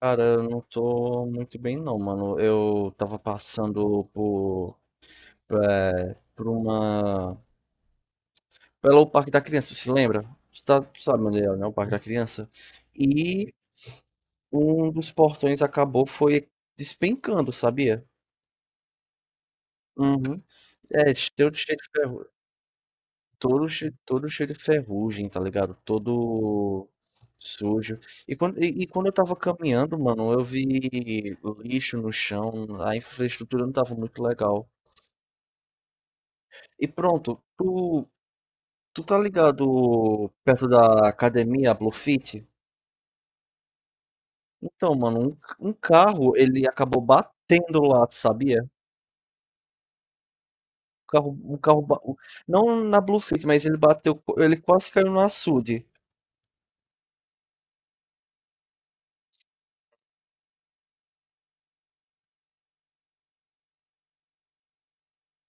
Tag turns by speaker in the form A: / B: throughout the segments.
A: Cara, eu não tô muito bem não, mano. Eu tava passando por, por uma... Pelo Parque da Criança, se lembra? Tu sabe onde é, né? O Parque da Criança. E um dos portões acabou, foi despencando, sabia? Uhum. É, cheio de ferrugem. Todo cheio de ferrugem, tá ligado? Todo sujo. E quando eu tava caminhando, mano, eu vi lixo no chão. A infraestrutura não tava muito legal. E pronto, tu tá ligado perto da academia Bluefit? Então, mano, um carro, ele acabou batendo lá, tu sabia? Carro, um carro, ba- o- não na Bluefit, mas ele bateu, ele quase caiu no açude.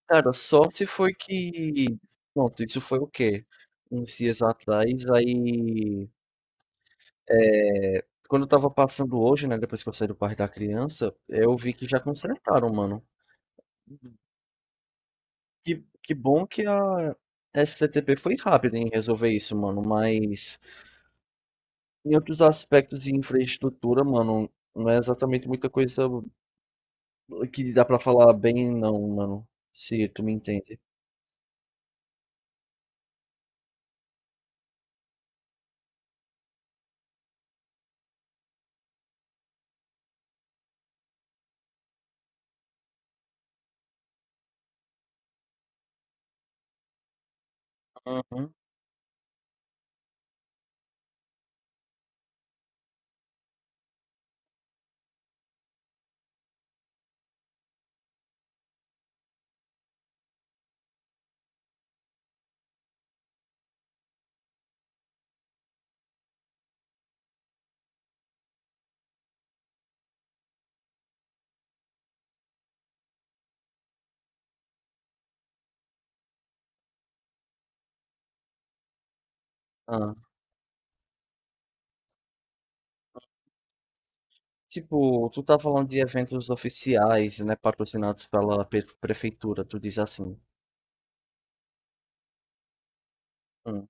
A: Cara, sorte foi que, pronto, isso foi o quê? Uns dias atrás, aí, é, quando eu tava passando hoje, né, depois que eu saí do Parque da Criança, eu vi que já consertaram, mano. Que bom que a SCTP foi rápida em resolver isso, mano, mas em outros aspectos de infraestrutura, mano, não é exatamente muita coisa que dá pra falar bem, não, mano, se tu me entende. Uhum. Ah. Tipo, tu tá falando de eventos oficiais, né, patrocinados pela prefeitura, tu diz assim. Hum.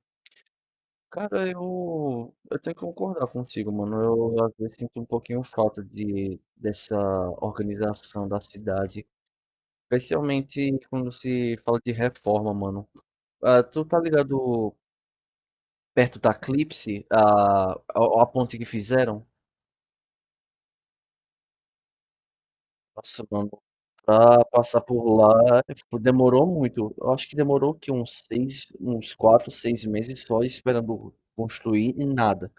A: Cara, eu tenho que concordar contigo, mano. Eu às vezes sinto um pouquinho falta de, dessa organização da cidade. Especialmente quando se fala de reforma, mano. Ah, tu tá ligado perto da eclipse a ponte que fizeram? Nossa, mano, pra passar por lá tipo, demorou muito. Eu acho que demorou que uns quatro, seis meses só esperando construir e nada.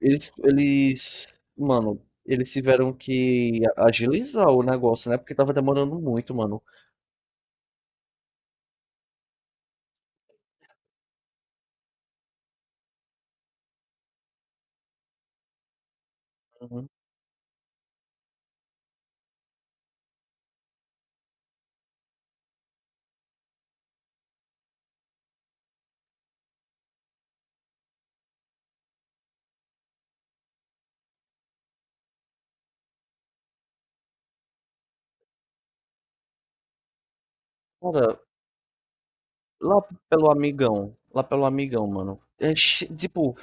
A: Eles, eles, mano, eles tiveram que agilizar o negócio, né? Porque tava demorando muito, mano. Uhum. Cara, Lá lá pelo Amigão, mano. É tipo,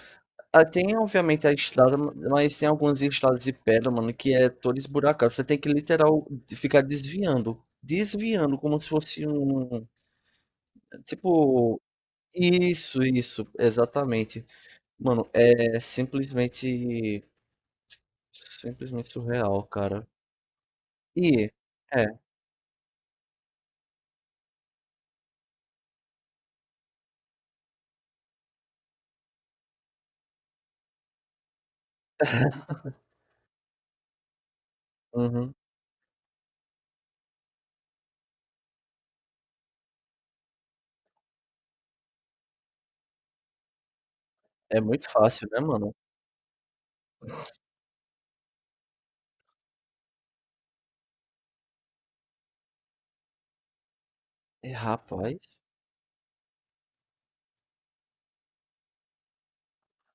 A: ah, tem obviamente a estrada, mas tem algumas estradas de pedra, mano, que é toda esburacada. Você tem que ficar desviando como se fosse um, tipo, isso, exatamente. Mano, é simplesmente surreal, cara. E é, uhum, é muito fácil, né, mano? É, rapaz,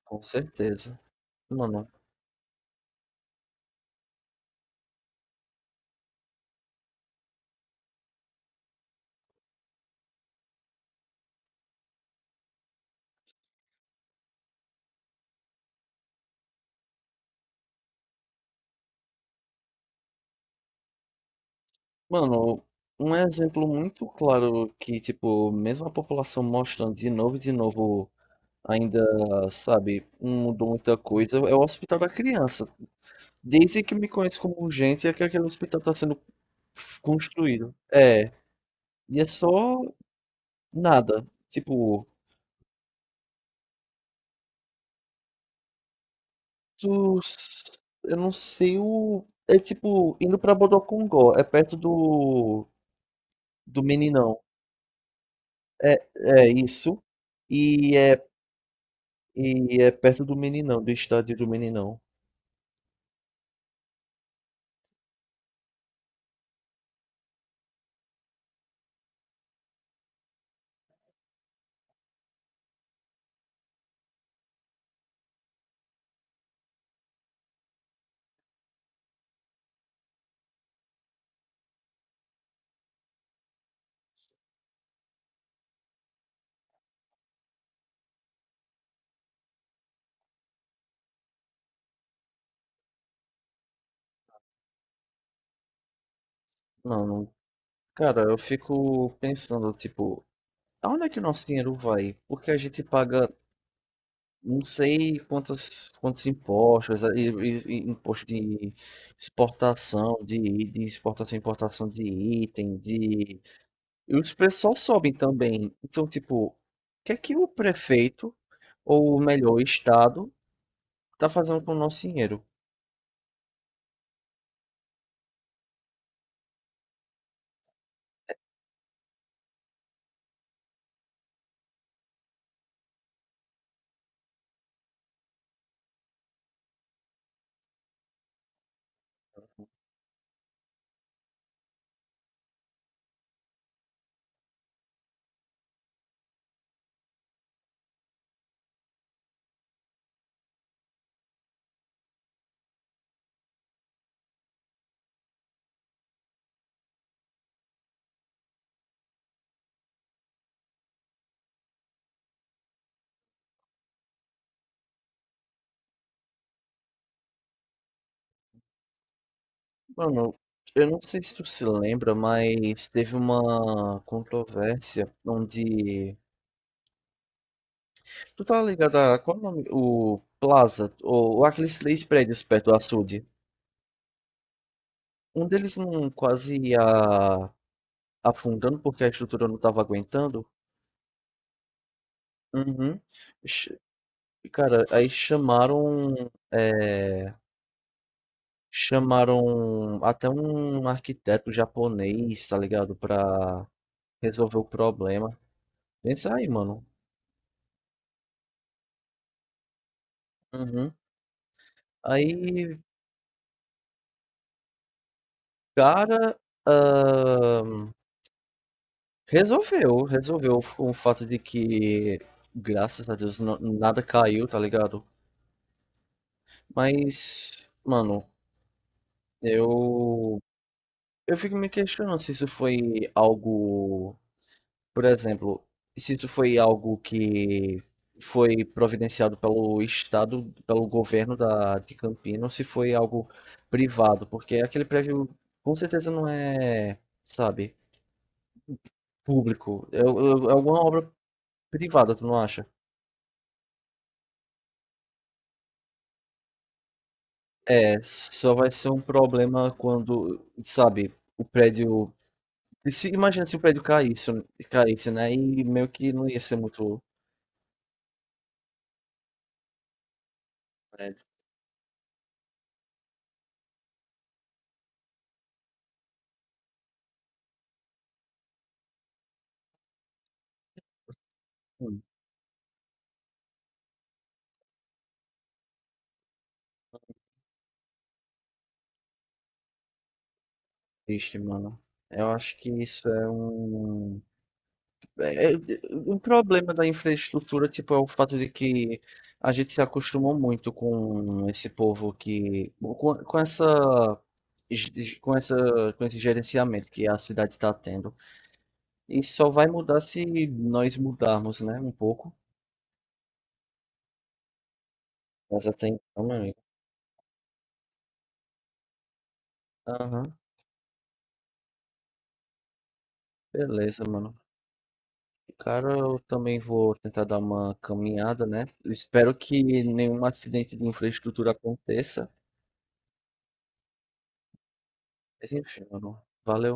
A: com certeza. Mano, Mano, um exemplo muito claro que, tipo, mesmo a população mostrando de novo, ainda, sabe, não mudou muita coisa, é o Hospital da Criança. Desde que me conheço como urgente, é que aquele hospital tá sendo construído. É, e é só nada. Tipo, tu, eu não sei o. É tipo, indo pra Bodocongó, é perto do. Do Meninão. É, é isso. E é E é perto do Meninão, do estádio do Meninão. Não, não. Cara, eu fico pensando, tipo, aonde é que o nosso dinheiro vai? Porque a gente paga não sei quantos, quantos impostos, e imposto exportação, de, de exportação e importação de item, de. E os preços só sobem também. Então, tipo, o que é que o prefeito, ou melhor, o Estado, tá fazendo com o nosso dinheiro? Mano, eu não sei se tu se lembra, mas teve uma controvérsia onde. Tu tá ligado a qual o nome? O Plaza, ou, aqueles três prédios perto do açude. Um deles não quase ia afundando porque a estrutura não tava aguentando. Uhum. Ch- Cara, aí chamaram. é, Chamaram até um arquiteto japonês, tá ligado? Pra resolver o problema. Pensa aí, mano. Uhum. Aí cara, hã, resolveu com o fato de que, graças a Deus, na nada caiu, tá ligado. Mas, mano, eu eu fico me questionando se isso foi algo, por exemplo, se isso foi algo que foi providenciado pelo estado, pelo governo da de Campinas, ou se foi algo privado, porque aquele prédio com certeza não é, sabe, público. É alguma obra privada, tu não acha? É, só vai ser um problema quando, sabe, o prédio. Imagina se o prédio caísse, né? E meio que não ia ser muito prédio. Hum, triste, mano. Eu acho que isso é um. É, o problema da infraestrutura, tipo, é o fato de que a gente se acostumou muito com esse povo que. Com essa. Com essa, com esse gerenciamento que a cidade está tendo. E só vai mudar se nós mudarmos, né, um pouco. Mas até então, meu amigo. Aham, beleza, mano. Cara, eu também vou tentar dar uma caminhada, né? Eu espero que nenhum acidente de infraestrutura aconteça. Mas enfim, mano. Valeu.